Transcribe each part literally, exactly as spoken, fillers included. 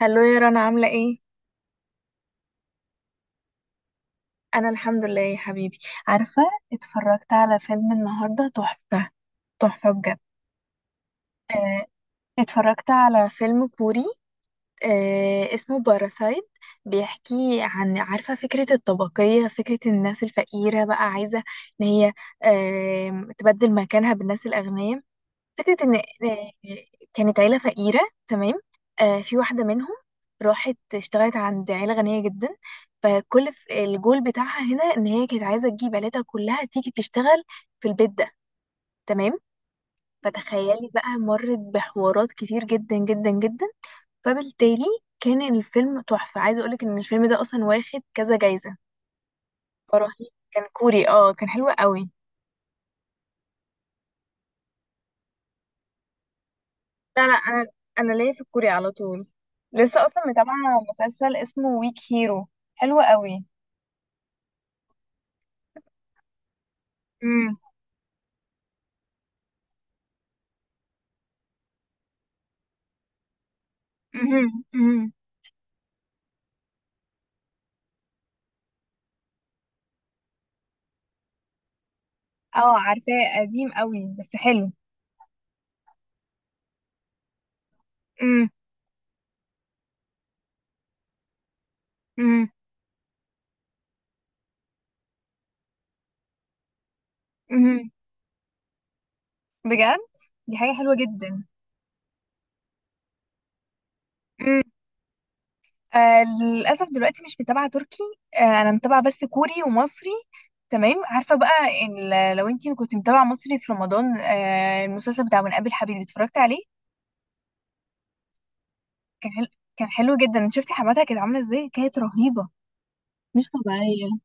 هلو يا رنا، عاملة ايه؟ أنا الحمد لله يا حبيبي. عارفة، اتفرجت على فيلم النهاردة تحفة تحفة بجد. آه، اتفرجت على فيلم كوري. آه، اسمه باراسايت. بيحكي عن، عارفة، فكرة الطبقية، فكرة الناس الفقيرة بقى عايزة ان هي آم، تبدل مكانها بالناس الأغنياء. فكرة إن إن كانت عيلة فقيرة، تمام. آه في واحدة منهم راحت اشتغلت عند عيلة غنية جدا، فكل ف- الجول بتاعها هنا إن هي كانت عايزة تجيب عيلتها كلها تيجي تشتغل في البيت ده، تمام. فتخيلي بقى، مرت بحوارات كتير جدا جدا جدا. فبالتالي كان الفيلم تحفة. عايزة أقولك إن الفيلم ده أصلا واخد كذا جايزة، فرهيب. كان كوري، اه، كان حلو قوي. لا لا، انا، انا ليا في الكوري على طول. لسه اصلا متابعه مسلسل اسمه ويك هيرو، حلو قوي. امم. امم. امم. اه، عارفاه، قديم قوي بس حلو. امم. امم. امم. بجد، دي حاجه حلوه جدا. امم. آه للاسف دلوقتي مش متابعه تركي. آه انا متابعه بس كوري ومصري. تمام. عارفه بقى، إن لو انتي كنت متابعه مصري في رمضان، آه المسلسل بتاع من قبل حبيبي اتفرجت عليه. كان حلو، كان حلو جدا. شفتي حماتها كانت عامله ازاي؟ كانت رهيبه، مش طبيعية.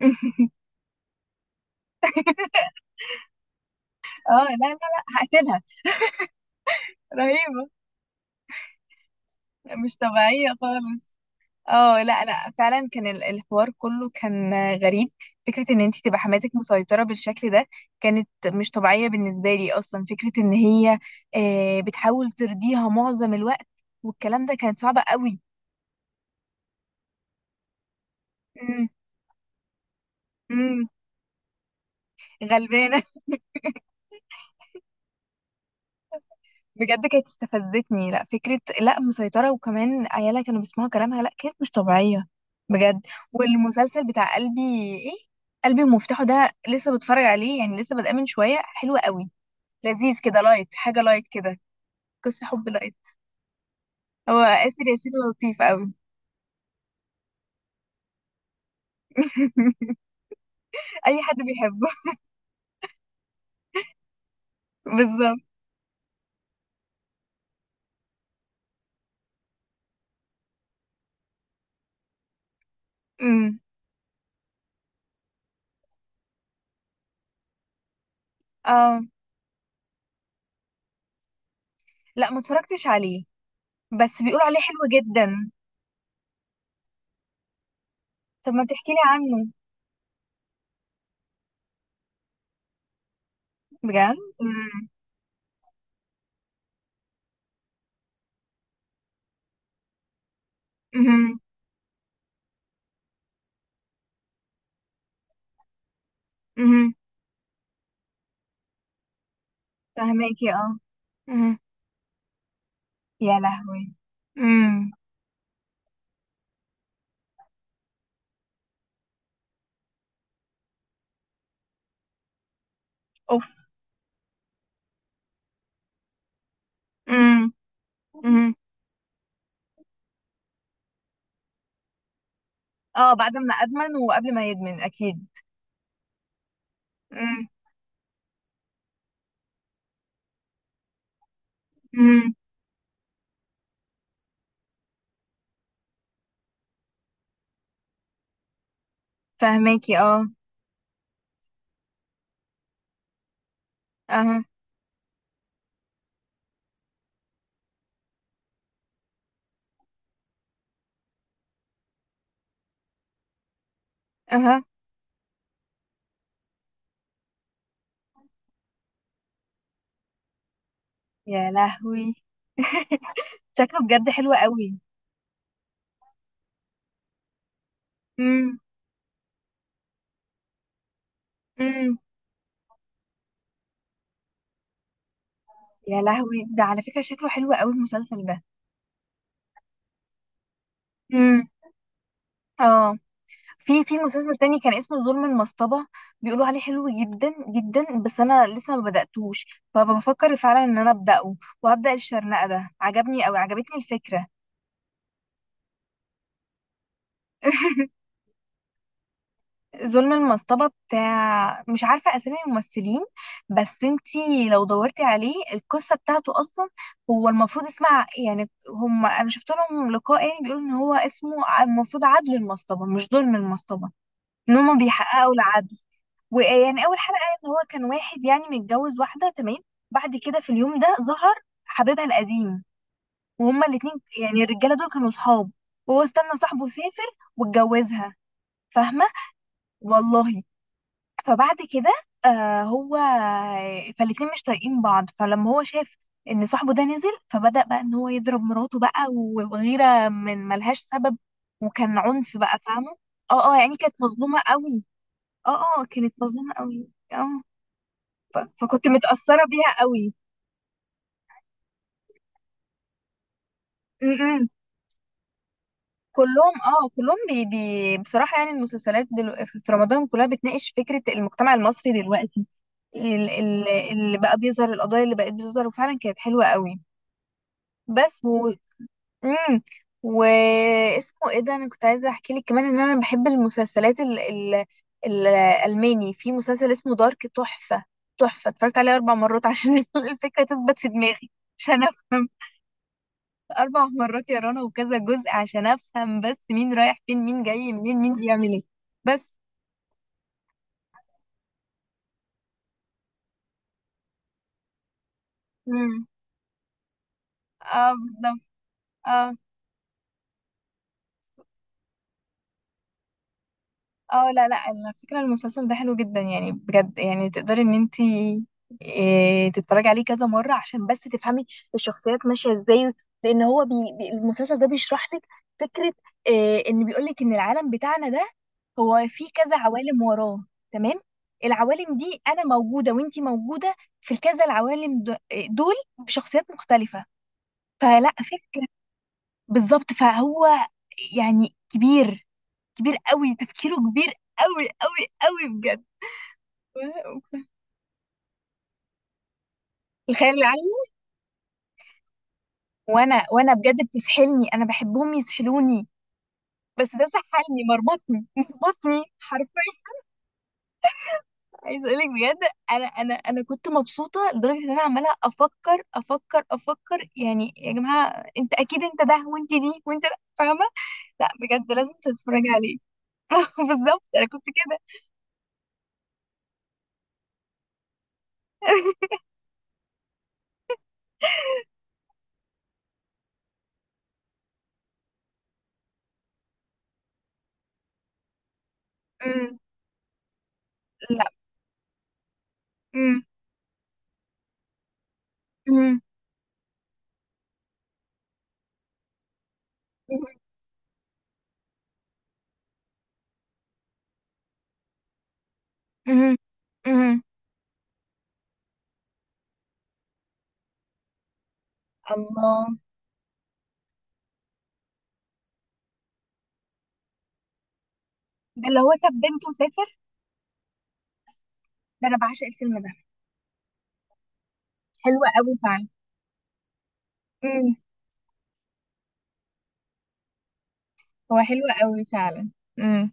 اه، لا لا لا هقتلها. رهيبة، مش طبيعية خالص. اه، لا لا فعلا كان ال- الحوار كله كان غريب. فكرة ان انت تبقى حماتك مسيطرة بالشكل ده كانت مش طبيعية بالنسبة لي. اصلا فكرة ان هي آه، بتحاول ترضيها معظم الوقت والكلام ده كان صعب قوي. امم. غلبانة. بجد كانت استفزتني، لا فكرة لا مسيطرة وكمان عيالها كانوا بيسمعوا كلامها، لا كانت مش طبيعية بجد. والمسلسل بتاع قلبي، ايه، قلبي ومفتاحه ده، لسه بتفرج عليه يعني، لسه بادئه من شوية. حلو قوي، لذيذ كده، لايت، حاجة لايت كده، قصة حب لايت. هو آسر ياسين لطيف قوي. اي حد بيحبه. بالظبط. أمم. اه، لا، ما اتفرجتش عليه بس بيقولوا عليه حلو جدا. طب ما تحكي لي عنه؟ بجد؟ أمم. أمم. فهماكي، اه. امم. يا لهوي. امم. اوف. امم. امم. اه، بعد ما ادمن وقبل ما يدمن اكيد. امم. امم. فهماكي، اه. اها. اها. يا لهوي. شكله بجد حلو قوي. امم. امم. يا لهوي، ده على فكرة شكله حلو قوي المسلسل ده. امم. اه. في في مسلسل تاني كان اسمه ظلم المصطبة، بيقولوا عليه حلو جدا جدا بس انا لسه ما بدأتوش، فبفكر فعلا ان انا أبدأه. وهبدأ الشرنقة ده، عجبني او عجبتني الفكرة. ظلم المصطبة، بتاع، مش عارفة اسامي الممثلين، بس انتي لو دورتي عليه القصة بتاعته اصلا. هو المفروض اسمها، يعني هم انا شفت لهم لقاء يعني بيقولوا ان هو اسمه المفروض عدل المصطبة مش ظلم المصطبة، ان هم بيحققوا العدل. ويعني اول حلقه، ان هو كان واحد يعني متجوز واحده، تمام. بعد كده في اليوم ده ظهر حبيبها القديم، وهما الاتنين، يعني الرجاله دول كانوا صحاب، وهو استنى صاحبه سافر واتجوزها، فاهمه. والله. فبعد كده، آه هو، فالاتنين مش طايقين بعض. فلما هو شاف ان صاحبه ده نزل، فبدأ بقى ان هو يضرب مراته بقى وغيره من ملهاش سبب، وكان عنف بقى، فاهمه. اه، اه يعني كانت مظلومه قوي. اه، اه كانت مظلومه قوي. اه. ف... فكنت متأثرة بيها قوي. م-م. كلهم، اه كلهم بي بي بصراحة، يعني المسلسلات دلو... في رمضان كلها بتناقش فكرة المجتمع المصري دلوقتي، ال- ال- اللي بقى بيظهر، القضايا اللي بقت بتظهر، وفعلا كانت حلوة قوي. بس و... مم. واسمه ايه ده، انا كنت عايزة احكي لك كمان ان انا بحب المسلسلات ال... ال... الألماني. في مسلسل اسمه دارك، تحفة، تحفة. اتفرجت عليه أربع مرات عشان الفكرة تثبت في دماغي، عشان أفهم. أربع مرات يا رنا، وكذا جزء، عشان أفهم بس مين رايح فين، مين جاي منين، مين بيعمل إيه. بس. امم. اه بالظبط. اه، اه لا لا، على فكرة المسلسل ده حلو جدا يعني بجد، يعني تقدري ان انتي، إيه، تتفرجي عليه كذا مرة عشان بس تفهمي الشخصيات ماشية ازاي. لان هو بي بي- المسلسل ده بيشرح لك فكرة، إيه، ان بيقولك ان العالم بتاعنا ده هو فيه كذا عوالم وراه، تمام. العوالم دي انا موجودة وانتي موجودة في الكذا العوالم د- دول بشخصيات مختلفة، فلا فكرة. بالظبط. فهو يعني كبير، كبير قوي تفكيره كبير قوي قوي قوي بجد. الخيال العلمي، وانا وانا بجد بتسحلني، انا بحبهم يسحلوني، بس ده سحلني، مربطني مربطني حرفيا. عايز اقولك بجد، انا انا انا كنت مبسوطه لدرجه ان انا عماله افكر افكر افكر يعني، يا جماعه، انت اكيد انت ده وانت دي وانت ده، فاهمه. لا بجد لازم تتفرجي عليه. بالظبط، انا كنت كده. أمم. لا. أمم. أمم. أمم. أمم. أمم. الله. ده اللي هو ساب بنته وسافر؟ ده انا بعشق الفيلم ده، حلو قوي فعلا. امم. هو حلو قوي فعلا. امم.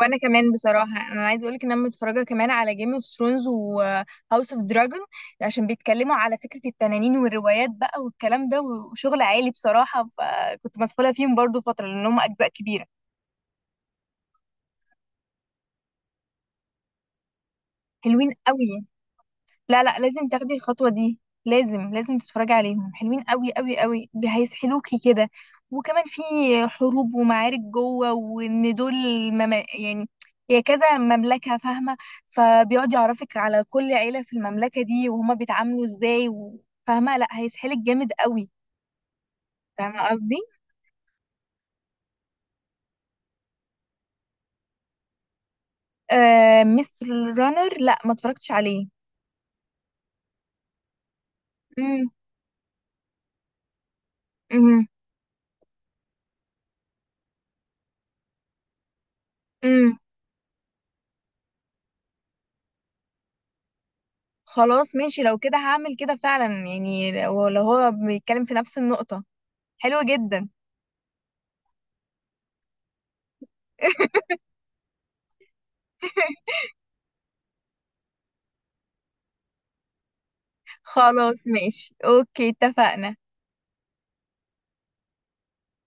وانا كمان بصراحه، انا عايزه اقول لك ان انا متفرجه كمان على جيم اوف ثرونز وهاوس اوف دراجون، عشان بيتكلموا على فكره التنانين والروايات بقى والكلام ده، وشغل عالي بصراحه، فكنت مسحوله فيهم برضو فتره لان هم اجزاء كبيره. حلوين قوي. لا لا لازم تاخدي الخطوة دي، لازم لازم تتفرجي عليهم، حلوين قوي قوي قوي بي- هيسحلوكي كده. وكمان في حروب ومعارك جوه، وان دول، مم، يعني هي كذا مملكة، فاهمة، فبيقعد يعرفك على كل عيلة في المملكة دي وهما بيتعاملوا ازاي و- فاهمة، لا هيسحلك جامد قوي. فاهمة قصدي. آه مستر رانر، لا ما اتفرجتش عليه. امم. امم. امم. خلاص ماشي، لو كده هعمل كده فعلا يعني، لو لو هو بيتكلم في نفس النقطة. حلوة جدا. خلاص ماشي، اوكي، اتفقنا.